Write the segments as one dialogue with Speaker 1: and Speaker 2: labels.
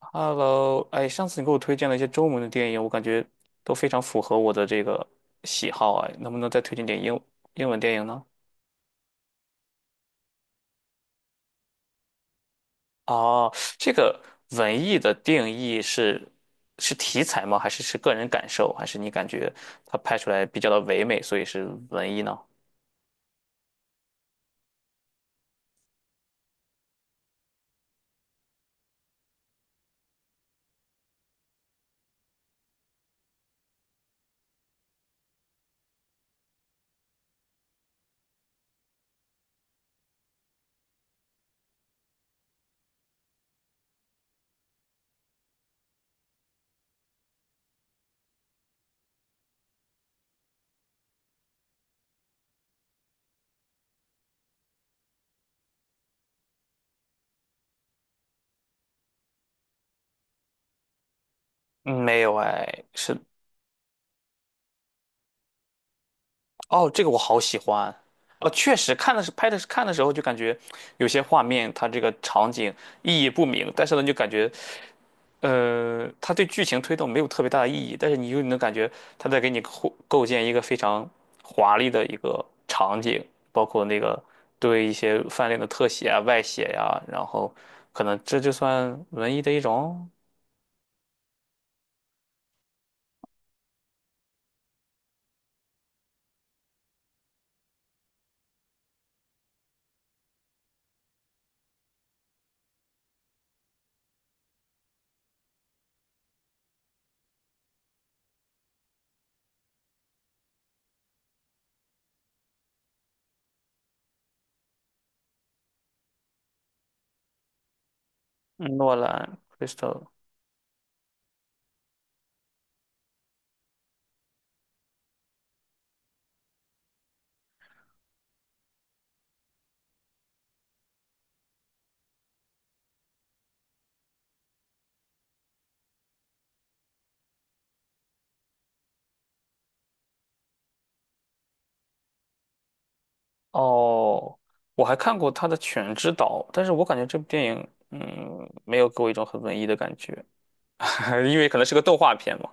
Speaker 1: Hello,哎，上次你给我推荐了一些中文的电影，我感觉都非常符合我的这个喜好啊，能不能再推荐点英文电影呢？哦，这个文艺的定义是是题材吗？还是个人感受？还是你感觉它拍出来比较的唯美，所以是文艺呢？嗯没有哎，是。哦，这个我好喜欢。哦，确实看的是拍的是看的时候就感觉有些画面，它这个场景意义不明，但是呢，就感觉他对剧情推动没有特别大的意义，但是你又能感觉他在给你构建一个非常华丽的一个场景，包括那个对一些饭店的特写啊、外写呀、然后可能这就算文艺的一种。嗯，诺兰 Crystal。 哦，我还看过他的《犬之岛》，但是我感觉这部电影嗯没有给我一种很文艺的感觉，因为可能是个动画片嘛。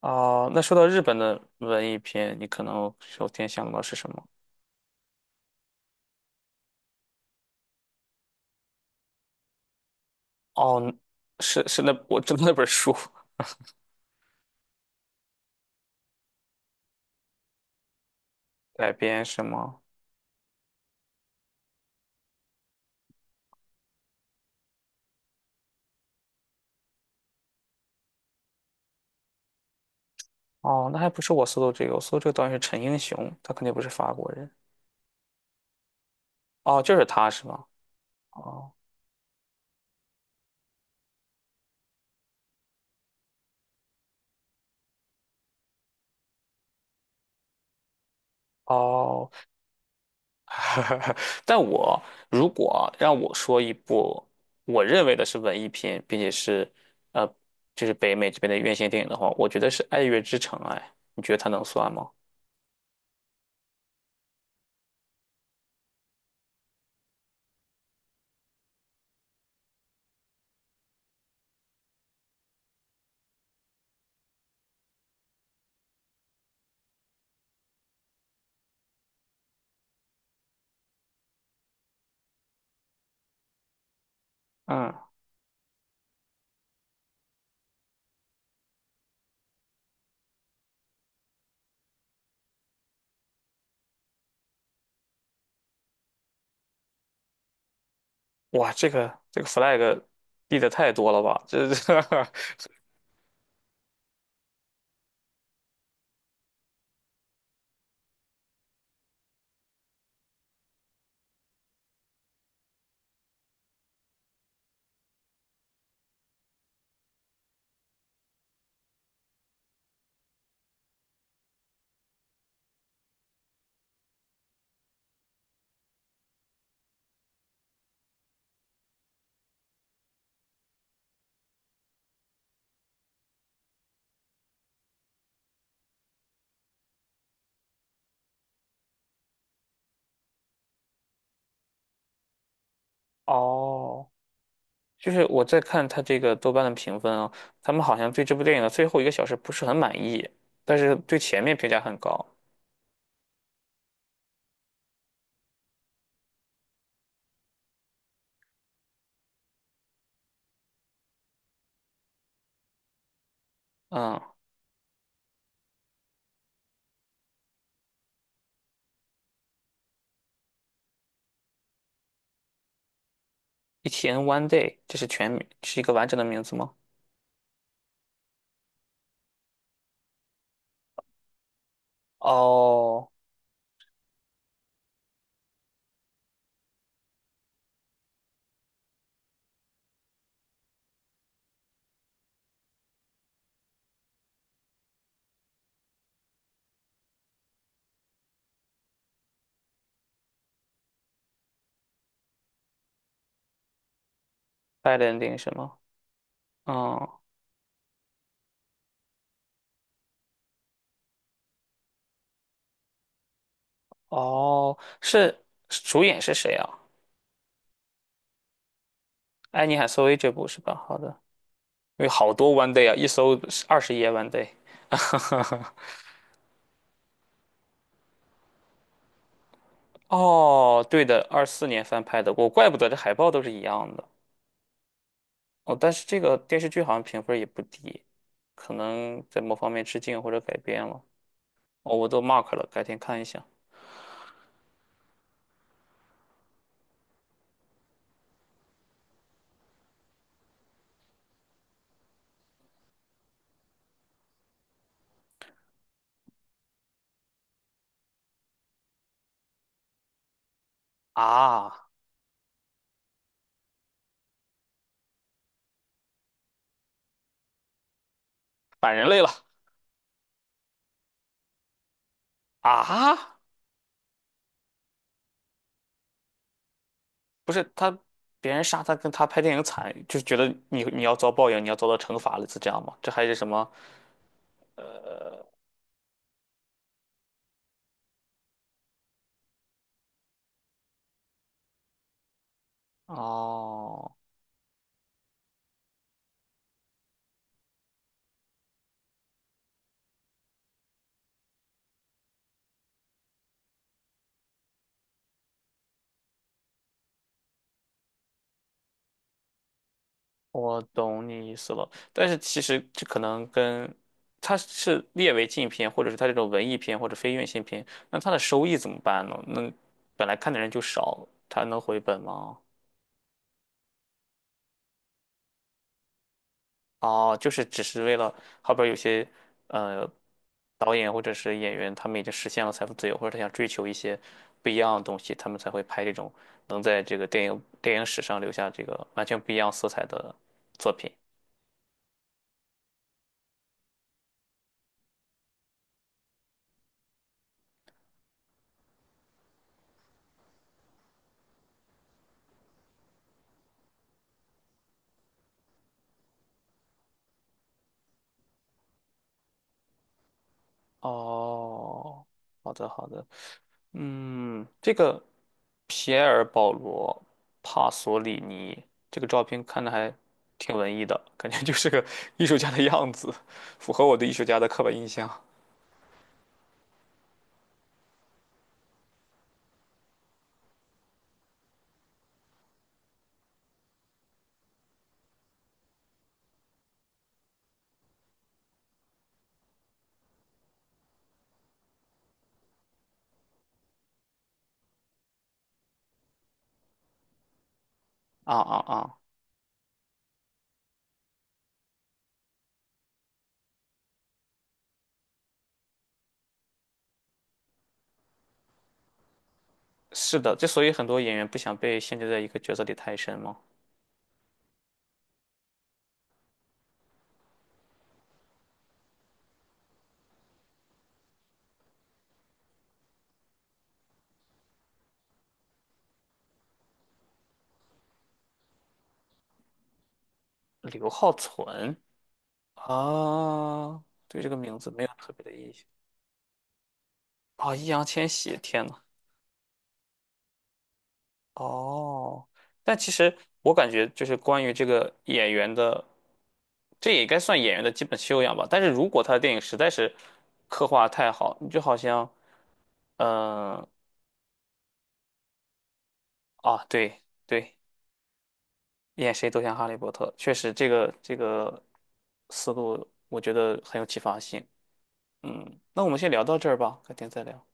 Speaker 1: 啊、那说到日本的文艺片，你可能首先想到的是什么？哦，是那我知道那本书。改编是吗？哦，那还不是我搜的这个，我搜这个导演是陈英雄，他肯定不是法国人。哦，就是他是吗？哦哦。但我如果让我说一部我认为的是文艺片，并且是呃，就是北美这边的院线电影的话，我觉得是《爱乐之城》。哎，你觉得它能算吗？嗯。哇，这个这个 flag 立的太多了吧？哦，就是我在看他这个豆瓣的评分啊，他们好像对这部电影的最后一个小时不是很满意，但是对前面评价很高。嗯，E.T. n One Day,这是全名，是一个完整的名字吗？哦，Bad Ending 什么？嗯。哦，是主演是谁啊？爱妮海瑟薇这部是吧？好的，有好多 One Day 啊，一搜20页 One Day。哦，对的，2024年翻拍的，我怪不得这海报都是一样的。哦，但是这个电视剧好像评分也不低，可能在某方面致敬或者改编了。哦，我都 mark 了，改天看一下。啊，反人类了。啊！不是他，别人杀他跟他拍电影惨，就是觉得你要遭报应，你要遭到惩罚了，是这样吗？这还是什么？哦。我懂你意思了，但是其实这可能跟它是列为禁片，或者是它这种文艺片或者非院线片，那它的收益怎么办呢？那本来看的人就少，它能回本吗？哦，就是只是为了，后边有些呃导演或者是演员，他们已经实现了财富自由，或者他想追求一些不一样的东西，他们才会拍这种能在这个电影史上留下这个完全不一样色彩的作品。哦，好的好的。嗯，这个皮埃尔·保罗·帕索里尼这个照片看着还挺文艺的，感觉就 是个艺术家的样子，符合我对艺术家的刻板印象。啊啊啊！是的，之所以很多演员不想被限制在一个角色里太深嘛。刘浩存。啊，对这个名字没有特别的印象。啊，易烊千玺，天呐。哦，但其实我感觉就是关于这个演员的，这也该算演员的基本修养吧。但是如果他的电影实在是刻画太好，你就好像，嗯、啊，对对，演谁都像哈利波特，确实这个这个思路我觉得很有启发性。嗯，那我们先聊到这儿吧，改天再聊。